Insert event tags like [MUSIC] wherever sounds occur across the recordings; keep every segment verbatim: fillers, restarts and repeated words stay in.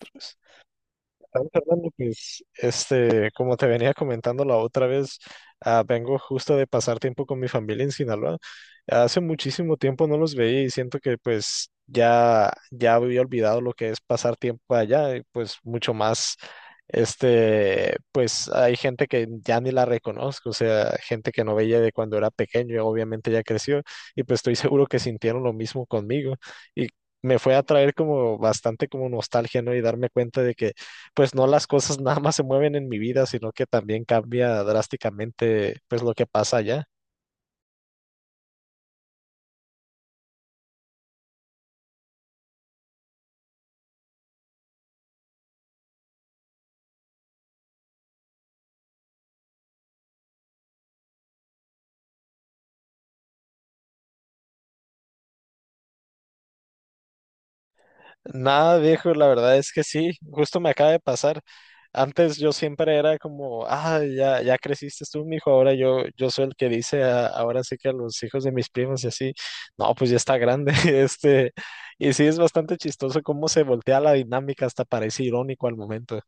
Otros. Sabes, Fernando, pues, este, como te venía comentando la otra vez, ah, vengo justo de pasar tiempo con mi familia en Sinaloa. Hace muchísimo tiempo no los veía y siento que pues ya, ya había olvidado lo que es pasar tiempo allá y pues mucho más, este, pues hay gente que ya ni la reconozco, o sea, gente que no veía de cuando era pequeño y obviamente ya creció y pues estoy [LAUGHS] seguro que sintieron lo mismo conmigo y me fue a traer como bastante como nostalgia, ¿no? Y darme cuenta de que pues no las cosas [LAUGHS] nada más se mueven en mi vida, sino que también cambia drásticamente pues lo que pasa allá. Nada, viejo, la verdad es que sí, justo me acaba de pasar. Antes yo siempre era como, ah, ya, ya creciste tú, mijo, ahora yo, yo soy el que dice, a- ahora sí que a los hijos de mis primos y así, no, pues ya está grande, [LAUGHS] este, y sí es bastante chistoso cómo se voltea la dinámica, hasta parece irónico al momento.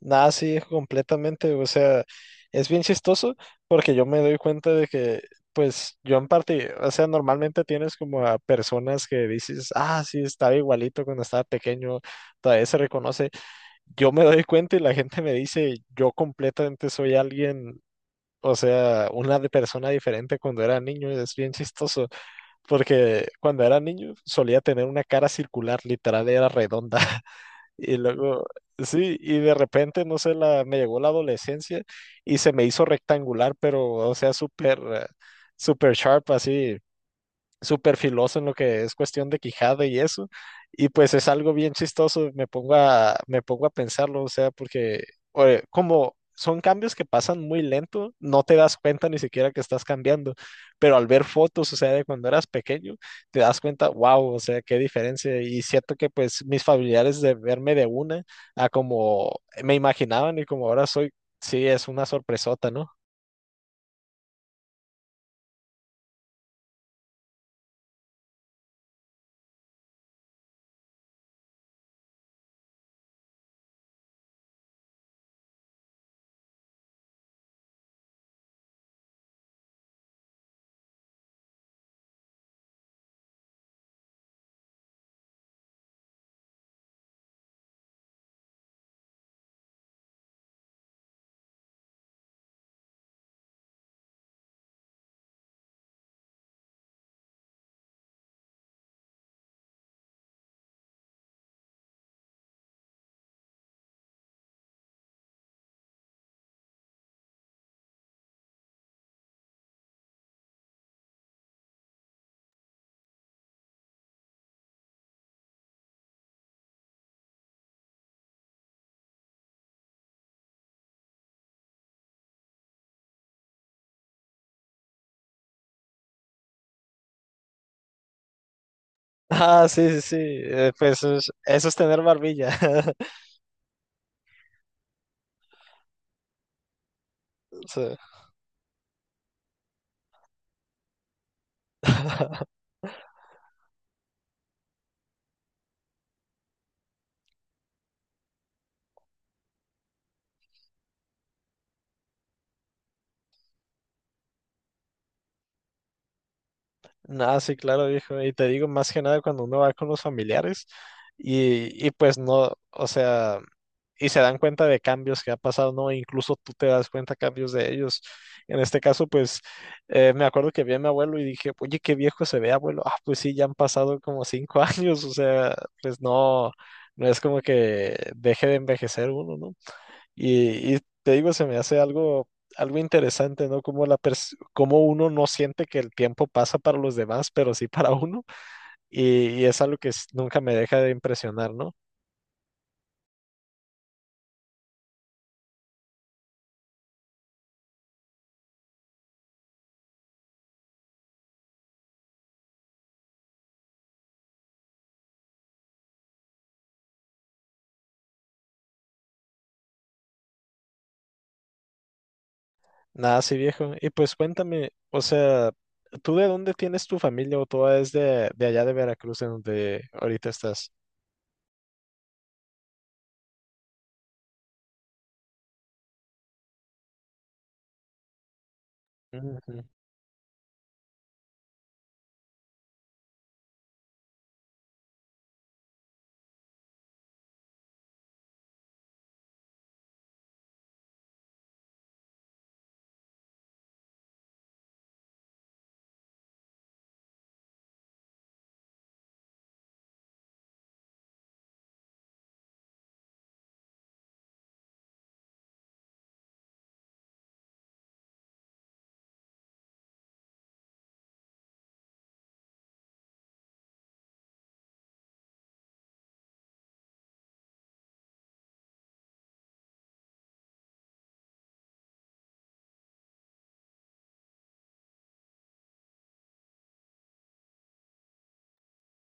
Nada, sí, completamente. O sea, es bien chistoso porque yo me doy cuenta de que, pues, yo en parte, o sea, normalmente tienes como a personas que dices, ah, sí, estaba igualito cuando estaba pequeño, todavía se reconoce. Yo me doy cuenta y la gente me dice, yo completamente soy alguien, o sea, una de- persona diferente cuando era niño. Es bien chistoso porque cuando era niño solía tener una cara circular, literal, era redonda. Y luego, sí, y de repente, no sé, la, me llegó la adolescencia y se me hizo rectangular, pero, o sea, súper, eh, súper sharp, así, súper filoso en lo que es cuestión de Quijada y eso. Y pues es algo bien chistoso, me pongo a, me pongo a pensarlo, o sea, porque oye, como son cambios que pasan muy lento, no te das cuenta ni siquiera que estás cambiando, pero al ver fotos, o sea, de cuando eras pequeño, te das cuenta, wow, o sea, qué diferencia. Y siento que pues mis familiares de verme de una a como me imaginaban y como ahora soy, sí, es una sorpresota, ¿no? [LAUGHS] Ah, sí, sí, sí, eh, pues es- eso es tener barbilla. [LAUGHS] Sí. [LAUGHS] Nada, sí, claro, viejo. Y te digo, más que nada cuando uno va con los familiares y, y pues no, o sea, y se dan cuenta de cambios que ha pasado, ¿no? Incluso tú te das cuenta cambios de ellos. En este caso, pues eh, me acuerdo que vi a mi abuelo y dije, oye, qué viejo se ve, abuelo. Ah, pues sí, ya han pasado como cinco [LAUGHS] años, o sea, pues no, no es como que deje de envejecer uno, ¿no? Y, y te digo, se me hace algo, algo interesante, ¿no? Como la pers- como uno no siente que el tiempo pasa para los demás, pero sí para uno. Y, y es algo que s- nunca me deja de impresionar, ¿no? Nada así, viejo. Y pues cuéntame, o sea, ¿tú de dónde tienes tu familia o toda es de, de allá de Veracruz, en donde ahorita estás? Ujú.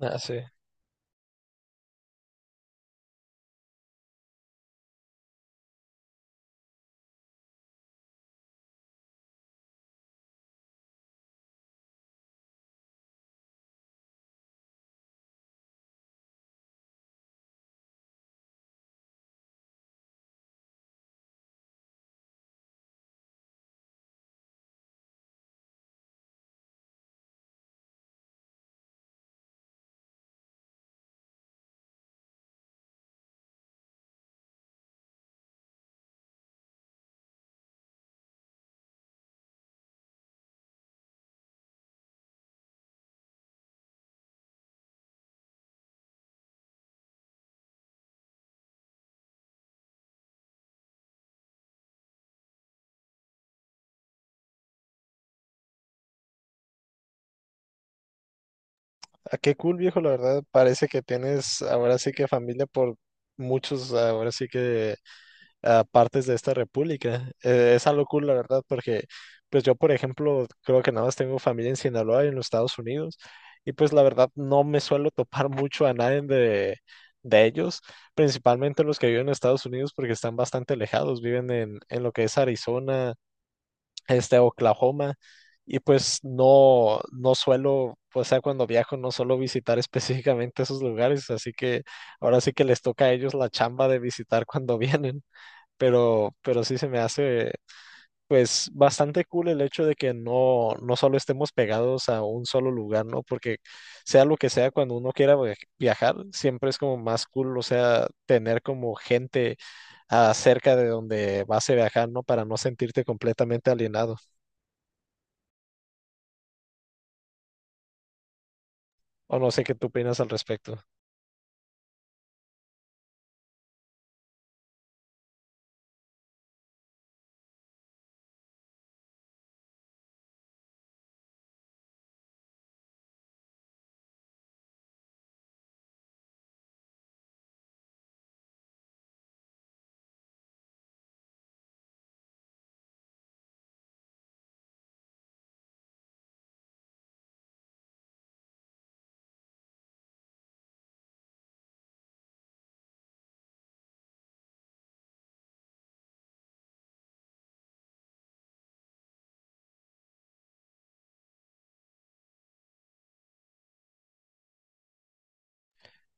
Ah, sí. Ah, qué cool, viejo, la verdad. Parece que tienes ahora sí que familia por muchos, ahora sí que a partes de esta república. Eh, es algo cool, la verdad, porque pues yo, por ejemplo, creo que nada más tengo familia en Sinaloa y en los Estados Unidos, y pues la verdad no me suelo [LAUGHS] topar mucho a nadie de, de ellos, principalmente los que viven en Estados Unidos porque están bastante alejados, viven en, en lo que es Arizona, este, Oklahoma. Y pues no, no suelo, o sea, cuando viajo no suelo visitar [LAUGHS] específicamente esos lugares, así que ahora sí que les toca a ellos la chamba de visitar cuando vienen pero, pero sí se me hace pues bastante cool el hecho de que no, no solo estemos pegados a un solo lugar, ¿no? Porque sea lo que sea, cuando uno quiera via- viajar, siempre es como más cool, o sea, tener como gente ah, cerca de donde vas a viajar, ¿no? Para no sentirte completamente alienado. O no sé qué tú opinas al respecto.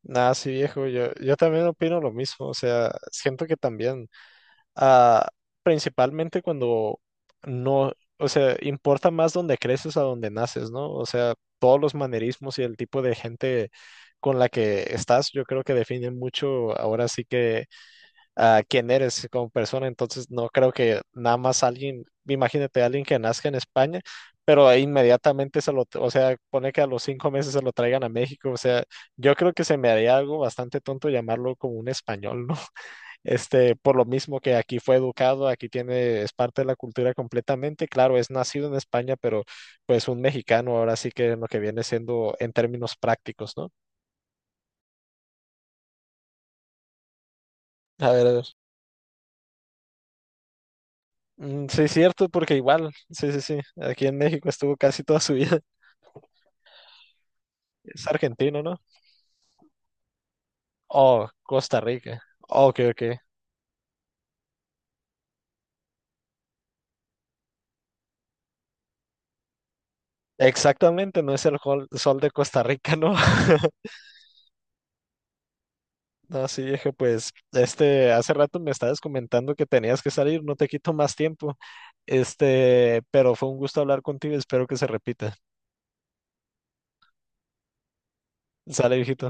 Nada, sí, viejo, yo, yo también opino lo mismo, o sea, siento que también. ah, principalmente cuando no, o sea, importa más donde creces a donde naces, ¿no? O sea, todos los manerismos y el tipo de gente con la que estás, yo creo que definen mucho ahora sí que ah, quién eres como persona. Entonces, no creo que nada más alguien, imagínate alguien que nazca en España. Pero ahí inmediatamente se lo, o sea, pone que a los cinco meses se lo traigan a México, o sea, yo creo que se me haría algo bastante tonto llamarlo como un español, ¿no? Este, por lo mismo que aquí fue educado, aquí tiene, es parte de la cultura completamente. Claro, es nacido en España, pero pues un mexicano ahora sí que lo que viene siendo en términos prácticos, ¿no? A ver, a ver. Mm, sí, cierto, porque igual, sí, sí, sí, aquí en México estuvo casi toda su vida. [LAUGHS] Es argentino, ¿no? Oh, Costa Rica. Ok, ok. Exactamente, no es el jol- sol de Costa Rica, ¿no? [LAUGHS] No, sí, dije, pues, este, hace rato me estabas comentando que tenías que salir, no te quito más tiempo. Este, pero fue un gusto hablar contigo, espero que se repita. Sale, viejito.